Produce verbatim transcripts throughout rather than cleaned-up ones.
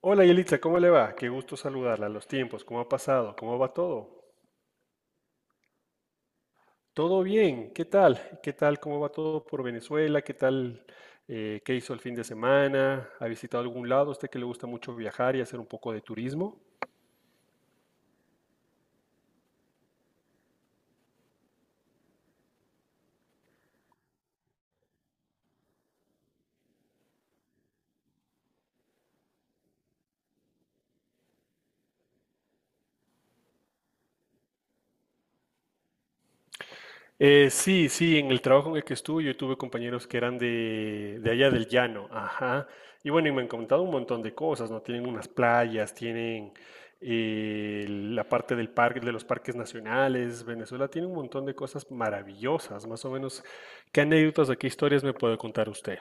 Hola Yelitza, ¿cómo le va? Qué gusto saludarla. Los tiempos, ¿cómo ha pasado? ¿Cómo va todo? Todo bien, ¿qué tal? ¿Qué tal? ¿Cómo va todo por Venezuela? ¿Qué tal? Eh, ¿qué hizo el fin de semana? ¿Ha visitado algún lado? ¿A usted que le gusta mucho viajar y hacer un poco de turismo? Eh, sí, sí, en el trabajo en el que estuve yo tuve compañeros que eran de, de allá del llano, ajá. Y bueno, y me han contado un montón de cosas, ¿no? Tienen unas playas, tienen eh, la parte del parque, de los parques nacionales. Venezuela tiene un montón de cosas maravillosas, más o menos. ¿Qué anécdotas o qué historias me puede contar usted?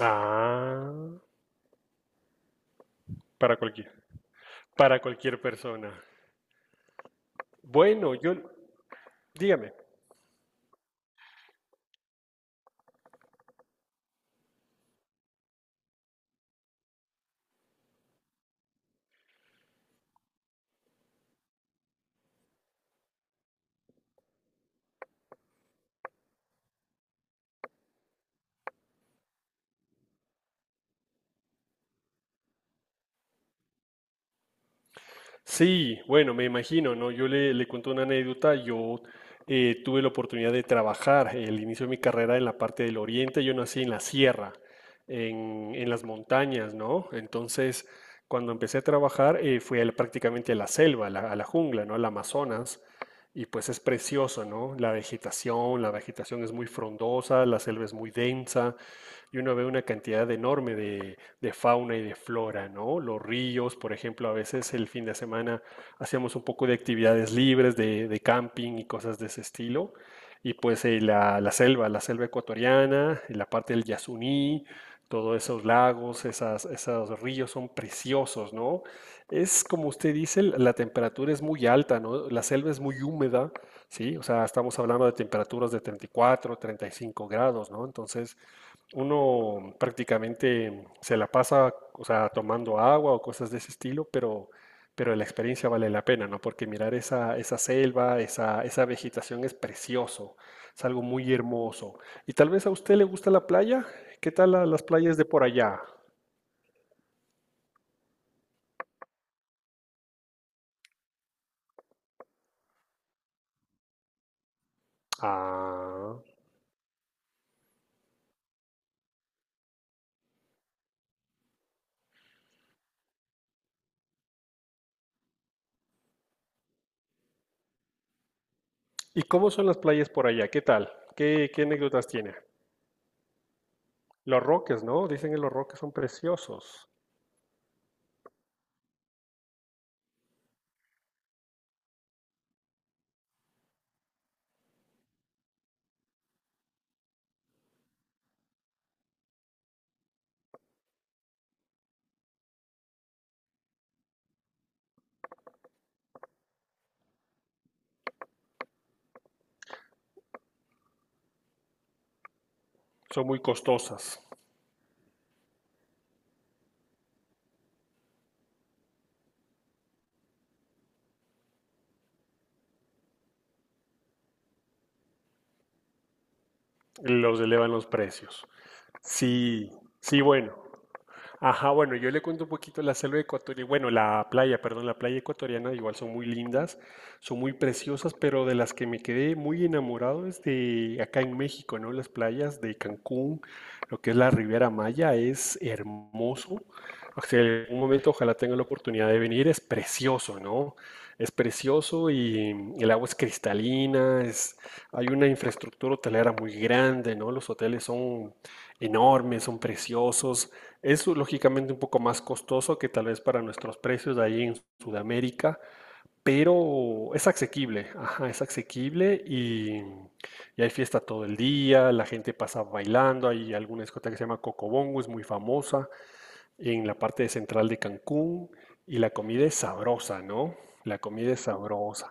Ah, para cualquier, para cualquier persona. Bueno, yo, dígame. Sí, bueno, me imagino, ¿no? Yo le, le cuento una anécdota. Yo eh, tuve la oportunidad de trabajar el inicio de mi carrera en la parte del oriente. Yo nací en la sierra, en, en las montañas, ¿no? Entonces, cuando empecé a trabajar, eh, fui al- prácticamente a la selva, a la, a la jungla, ¿no? Al Amazonas. Y pues es precioso, ¿no? La vegetación, la vegetación es muy frondosa, la selva es muy densa y uno ve una cantidad enorme de fauna y de flora, ¿no? Los ríos, por ejemplo, a veces el fin de semana hacíamos un poco de actividades libres, de, de camping y cosas de ese estilo. Y pues eh, la, la selva, la selva ecuatoriana, la parte del Yasuní, todos esos lagos, esas, esos ríos son preciosos, ¿no? Es como usted dice, l- la temperatura es muy alta, ¿no? La selva es muy húmeda, ¿sí? O sea, estamos hablando de temperaturas de treinta y cuatro, treinta y cinco grados, ¿no? Entonces, uno prácticamente se la pasa, o sea, tomando agua o cosas de ese estilo, pero, pero la experiencia vale la pena, ¿no? Porque mirar esa, esa selva, esa, esa vegetación es precioso, es algo muy hermoso. Y tal vez a usted le gusta la playa. ¿Qué tal la- las playas de por allá? Ah. ¿Y cómo son las playas por allá? ¿Qué tal? ¿Qué, qué anécdotas tiene? Los Roques, ¿no? Dicen que los Roques son preciosos. Son muy costosas. Los elevan los precios. Sí, sí, bueno. Ajá, bueno, yo le cuento un poquito la selva ecuatoriana, bueno, la playa, perdón, la playa ecuatoriana igual son muy lindas, son muy preciosas, pero de las que me quedé muy enamorado es de acá en México, ¿no? Las playas de Cancún, lo que es la Riviera Maya, es hermoso. O sea, en algún momento ojalá tenga la oportunidad de venir, es precioso, ¿no? Es precioso y el agua es cristalina, es, hay una infraestructura hotelera muy grande, ¿no? Los hoteles son enormes, son preciosos. Es lógicamente un poco más costoso que tal vez para nuestros precios de ahí en Sudamérica, pero es asequible, ajá, es asequible y, y hay fiesta todo el día, la gente pasa bailando, hay alguna discoteca que se llama Cocobongo, es muy famosa en la parte central de Cancún y la comida es sabrosa, ¿no? La comida es sabrosa.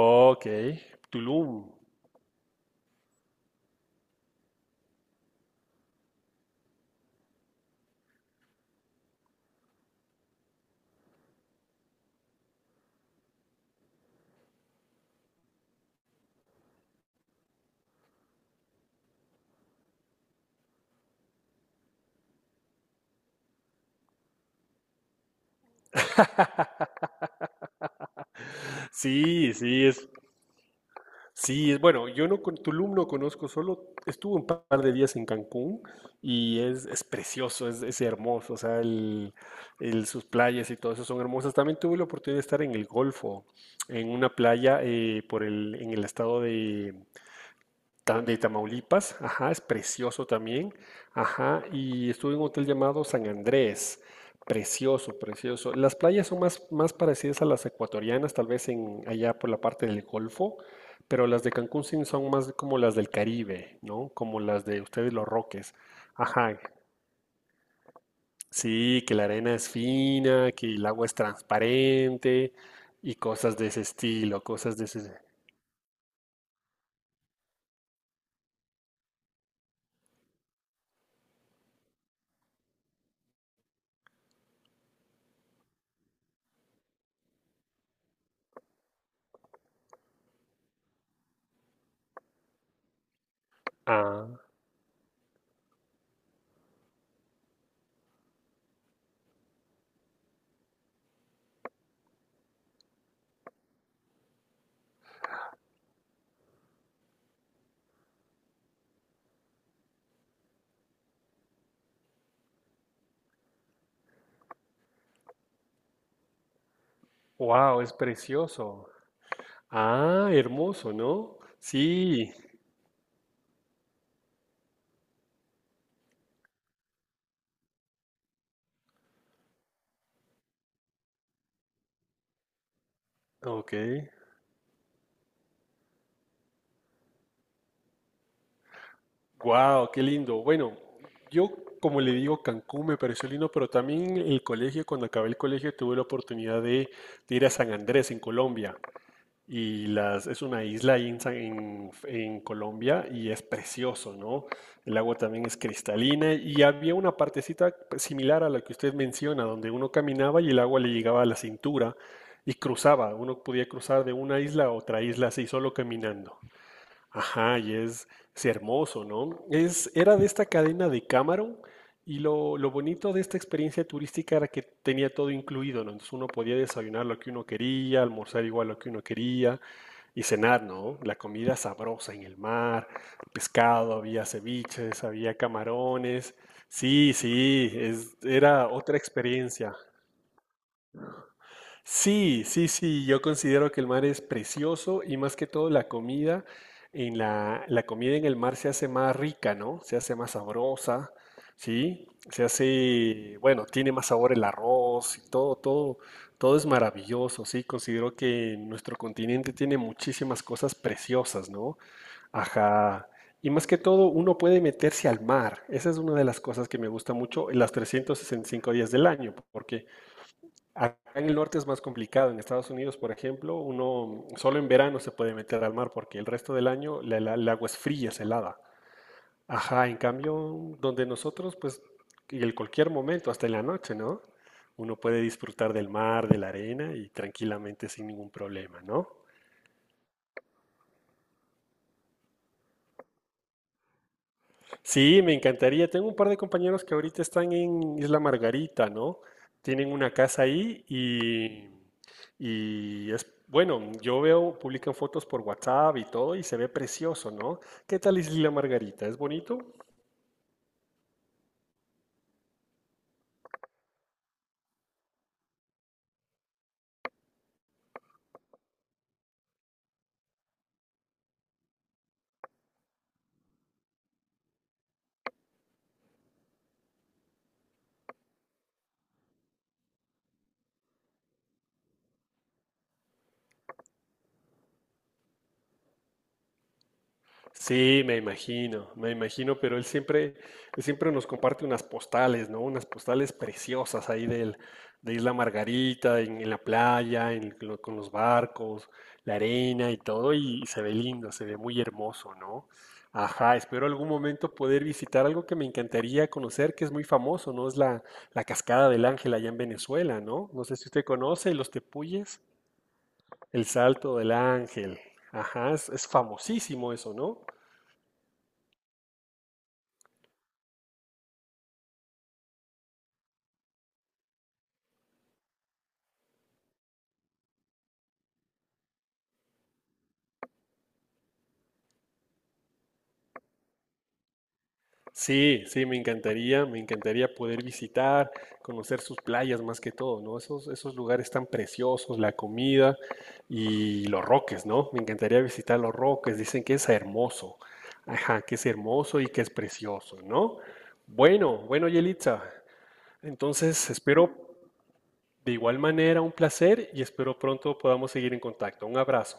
Ok, Tulum. Sí, sí, es, sí, es bueno, yo no con Tulum no conozco, solo estuve un par de días en Cancún y es, es precioso, es, es hermoso, o sea, el, el- sus playas y todo eso son hermosas. También tuve la oportunidad de estar en el Golfo, en una playa eh, por el, en el estado de, de Tamaulipas, ajá, es precioso también, ajá, y estuve en un hotel llamado San Andrés, precioso, precioso. Las playas son más, más parecidas a las ecuatorianas, tal vez en, allá por la parte del Golfo, pero las de Cancún sí son más como las del Caribe, ¿no? Como las de ustedes los Roques, ajá, sí, que la arena es fina, que el agua es transparente y cosas de ese estilo. cosas de ese... Ah, wow, es precioso. Ah, hermoso, ¿no? Sí, ok. Wow, qué lindo. Bueno, yo como le digo, Cancún me pareció lindo, pero también el colegio, cuando acabé el colegio, tuve la oportunidad de, de ir a San Andrés, en Colombia. Y las, es una isla ahí en, San- en- en Colombia y es precioso, ¿no? El agua también es cristalina y había una partecita similar a la que usted menciona, donde uno caminaba y el agua le llegaba a la cintura y cruzaba. Uno podía cruzar de una isla a otra isla así, solo caminando. Ajá, y es, es hermoso, ¿no? Es, era de esta cadena de Cameron y lo, lo bonito de esta experiencia turística era que tenía todo incluido, ¿no? Entonces uno podía desayunar lo que uno quería, almorzar igual lo que uno quería y cenar, ¿no? La comida sabrosa en el mar, pescado, había ceviches, había camarones. Sí, sí, es- era otra experiencia. Sí, sí, sí, yo considero que el mar es precioso y más que todo la comida en la, la comida en el mar se hace más rica, ¿no? Se hace más sabrosa, ¿sí? Se hace, bueno, tiene más sabor el arroz y todo, todo, todo es maravilloso, ¿sí? Considero que nuestro continente tiene muchísimas cosas preciosas, ¿no? Ajá. Y más que todo, uno puede meterse al mar. Esa es una de las cosas que me gusta mucho en las trescientos sesenta y cinco días del año, porque acá en el norte es más complicado. En Estados Unidos, por ejemplo, uno solo en verano se puede meter al mar porque el resto del año la- la- el agua es fría, es helada. Ajá, en cambio, donde nosotros, pues, en cualquier momento, hasta en la noche, ¿no? Uno puede disfrutar del mar, de la arena y tranquilamente sin ningún problema, ¿no? Sí, me encantaría. Tengo un par de compañeros que ahorita están en Isla Margarita, ¿no? Tienen una casa ahí y, y es, bueno, yo veo, publican fotos por WhatsApp y todo y se ve precioso, ¿no? ¿Qué tal Isla Margarita? ¿Es bonito? Sí, me imagino, me imagino, pero él siempre, él siempre nos comparte unas postales, ¿no? Unas postales preciosas ahí del, de Isla Margarita, en, en la playa, en lo- con los barcos, la arena y todo, y se ve lindo, se ve muy hermoso, ¿no? Ajá, espero algún momento poder visitar algo que me encantaría conocer, que es muy famoso, ¿no? Es la, la Cascada del Ángel allá en Venezuela, ¿no? No sé si usted conoce los tepuyes, el Salto del Ángel. Ajá, es es famosísimo eso, ¿no? Sí, sí, me encantaría, me encantaría poder visitar, conocer sus playas más que todo, ¿no? Esos, esos lugares tan preciosos, la comida y los roques, ¿no? Me encantaría visitar los roques, dicen que es hermoso, ajá, que es hermoso y que es precioso, ¿no? Bueno, bueno, Yelitza, entonces espero de igual manera un placer y espero pronto podamos seguir en contacto. Un abrazo.